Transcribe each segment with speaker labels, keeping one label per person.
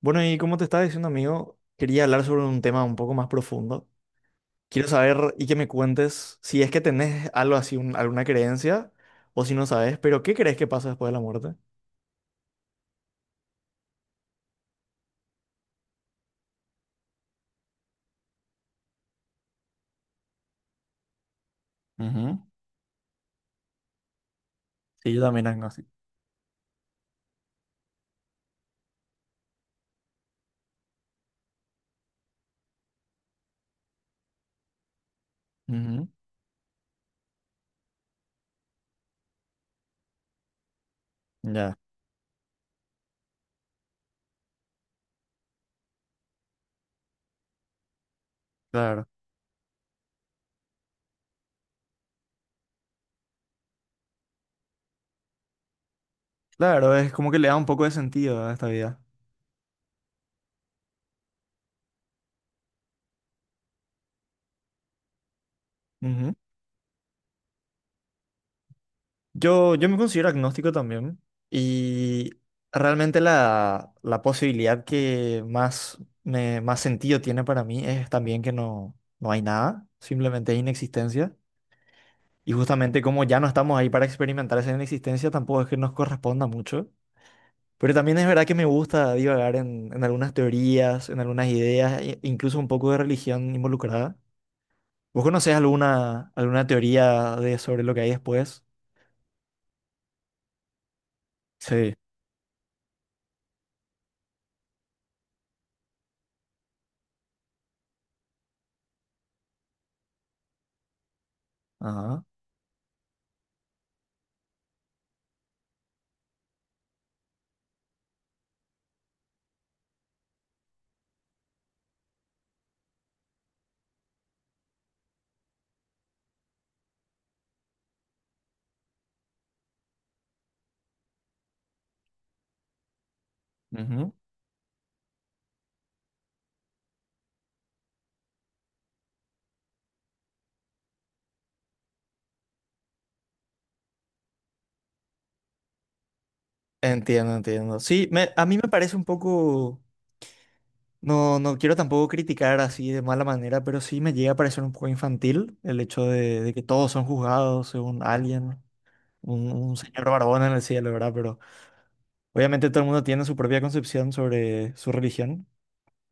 Speaker 1: Bueno, y como te estaba diciendo, amigo, quería hablar sobre un tema un poco más profundo. Quiero saber y que me cuentes si es que tenés algo así, alguna creencia, o si no sabes, pero ¿qué crees que pasa después de la muerte? Ujú. Sí, yo también tengo así. Ujú. Ya. Claro. Claro, es como que le da un poco de sentido a esta vida. Yo me considero agnóstico también y realmente la posibilidad que más, me, más sentido tiene para mí es también que no, no hay nada, simplemente es inexistencia. Y justamente como ya no estamos ahí para experimentar esa inexistencia, tampoco es que nos corresponda mucho. Pero también es verdad que me gusta divagar en algunas teorías, en algunas ideas, incluso un poco de religión involucrada. ¿Vos conocés alguna, alguna teoría de sobre lo que hay después? Sí. Ajá. Ujú. Entiendo, entiendo. Sí, a mí me parece un poco, no, no quiero tampoco criticar así de mala manera, pero sí me llega a parecer un poco infantil el hecho de que todos son juzgados según alguien, un señor barbón en el cielo, ¿verdad? Pero obviamente todo el mundo tiene su propia concepción sobre su religión,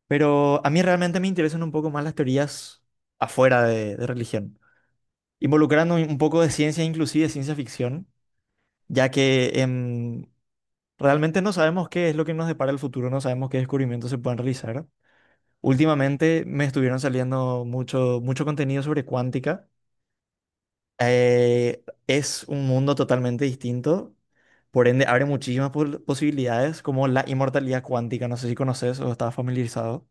Speaker 1: pero a mí realmente me interesan un poco más las teorías afuera de religión, involucrando un poco de ciencia, inclusive ciencia ficción, ya que realmente no sabemos qué es lo que nos depara el futuro, no sabemos qué descubrimientos se pueden realizar. Últimamente me estuvieron saliendo mucho, mucho contenido sobre cuántica. Es un mundo totalmente distinto, por ende abre muchísimas posibilidades como la inmortalidad cuántica, no sé si conoces o estás familiarizado.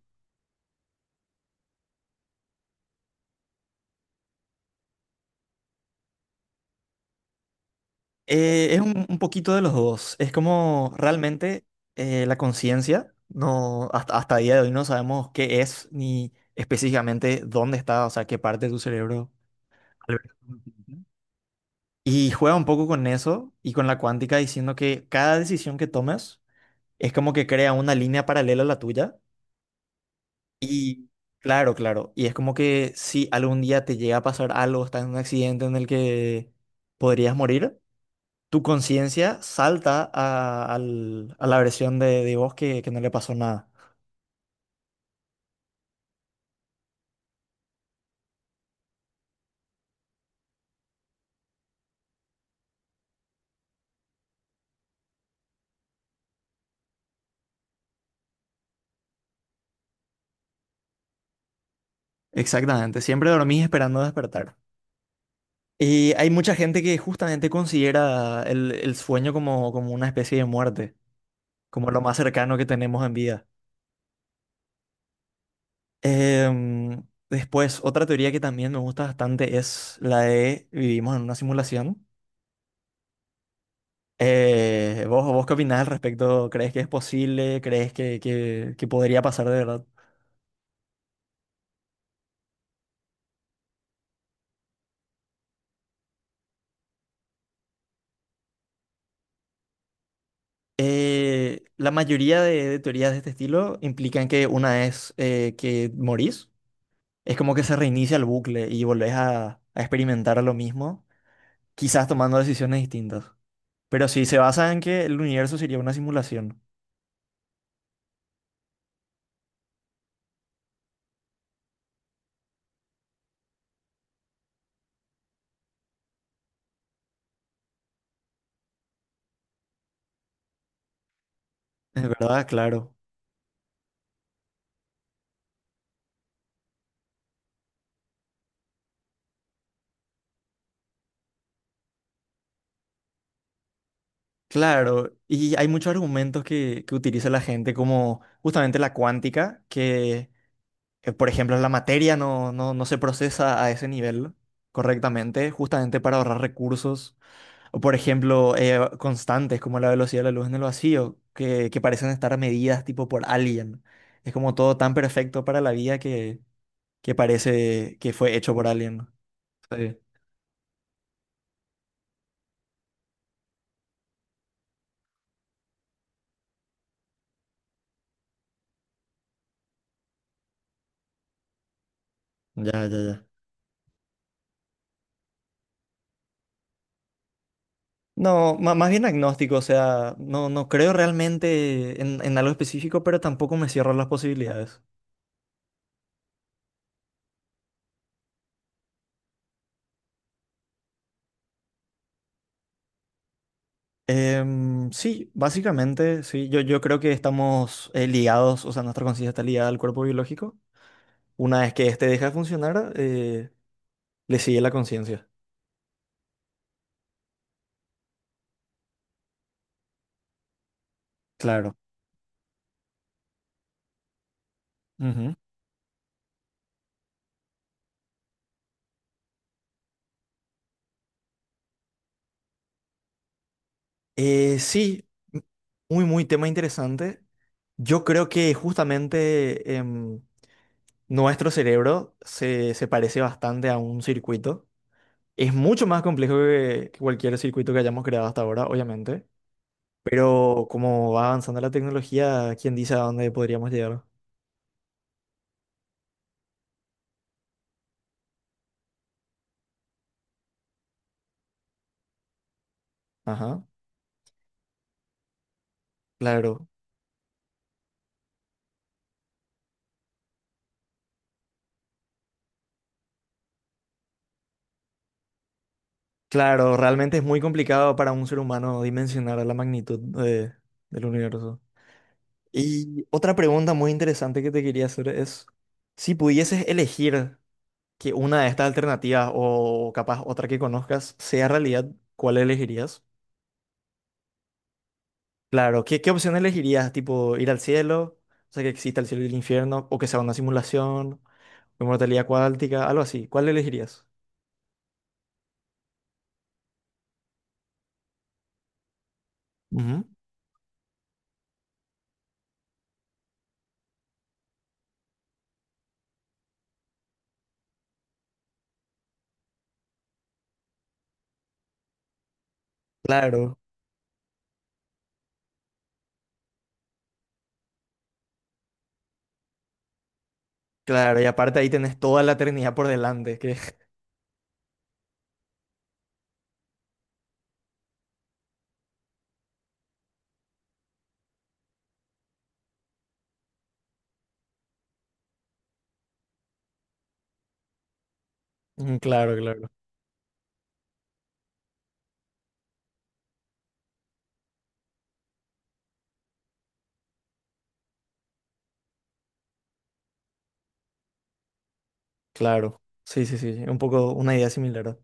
Speaker 1: Es un poquito de los dos, es como realmente la conciencia, no, hasta, hasta el día de hoy no sabemos qué es ni específicamente dónde está, o sea, qué parte de tu cerebro. Alberto Constantino. Y juega un poco con eso y con la cuántica diciendo que cada decisión que tomes es como que crea una línea paralela a la tuya. Y claro, claro. Y es como que si algún día te llega a pasar algo, estás en un accidente en el que podrías morir, tu conciencia salta a, a la versión de vos que no le pasó nada. Exactamente. Siempre dormís esperando despertar. Y hay mucha gente que justamente considera el sueño como, como una especie de muerte, como lo más cercano que tenemos en vida. Em, Después, otra teoría que también me gusta bastante es la de vivimos en una simulación. ¿Vos, vos qué opinás al respecto? ¿Crees que es posible? ¿Crees que, que podría pasar de verdad? La mayoría de teorías de este estilo implican que una vez que morís, es como que se reinicia el bucle y volvés a experimentar lo mismo, quizás tomando decisiones distintas. Pero sí, se basa en que el universo sería una simulación. Es verdad, claro. Claro, y hay muchos argumentos que utiliza la gente, como justamente la cuántica, que, por ejemplo, la materia no, no, no se procesa a ese nivel correctamente, justamente para ahorrar recursos, o por ejemplo, constantes como la velocidad de la luz en el vacío, que parecen estar medidas tipo por alguien. Es como todo tan perfecto para la vida que parece que fue hecho por alguien. Sí. Ya, ya, ya. No, más bien agnóstico, o sea, no, no creo realmente en algo específico, pero tampoco me cierro las posibilidades. Sí, básicamente, sí, yo creo que estamos ligados, o sea, nuestra conciencia está ligada al cuerpo biológico. Una vez que este deja de funcionar, le sigue la conciencia. Claro. Ujú. Sí, m- muy, muy tema interesante. Yo creo que justamente nuestro cerebro se, se parece bastante a un circuito. Es mucho más complejo que cualquier circuito que hayamos creado hasta ahora, obviamente. Pero como va avanzando la tecnología, ¿quién dice a dónde podríamos llegar? Ajá, claro. Claro, realmente es muy complicado para un ser humano dimensionar la magnitud del universo. Y otra pregunta muy interesante que te quería hacer es, si pudieses elegir que una de estas alternativas o capaz otra que conozcas sea realidad, ¿cuál elegirías? Claro, ¿qué, qué opción elegirías? ¿Tipo ir al cielo? O sea, que exista el cielo y el infierno, o que sea una simulación, o inmortalidad cuántica, algo así. ¿Cuál elegirías? Ujú. Claro, claro, y aparte ahí tenés toda la eternidad por delante, que Mm, claro, claro, claro. Sí, sí, sí, un poco una idea similar.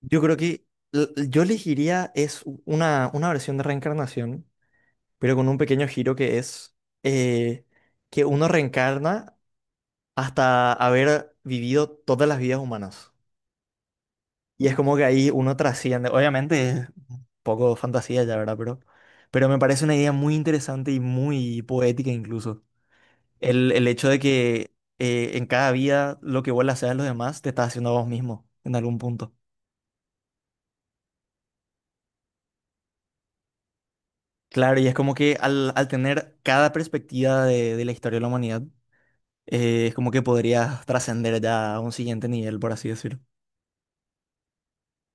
Speaker 1: Yo creo que yo elegiría es una versión de reencarnación, pero con un pequeño giro que es eh, que uno reencarna hasta haber vivido todas las vidas humanas. Y es como que ahí uno trasciende. Obviamente es un poco fantasía ya, ¿verdad? Pero me parece una idea muy interesante y muy poética incluso. El hecho de que en cada vida lo que vos le haces a los demás te estás haciendo a vos mismo en algún punto. Claro, y es como que al, al tener cada perspectiva de la historia de la humanidad, es como que podrías trascender ya a un siguiente nivel, por así decirlo.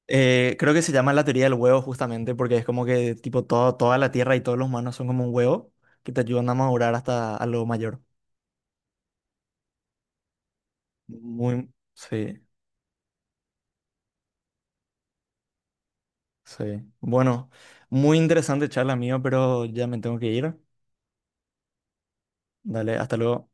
Speaker 1: Creo que se llama la teoría del huevo justamente porque es como que tipo todo, toda la tierra y todos los humanos son como un huevo que te ayudan a madurar hasta a lo mayor. Muy, sí, sí. Bueno, muy interesante charla mío, pero ya me tengo que ir. Dale, hasta luego.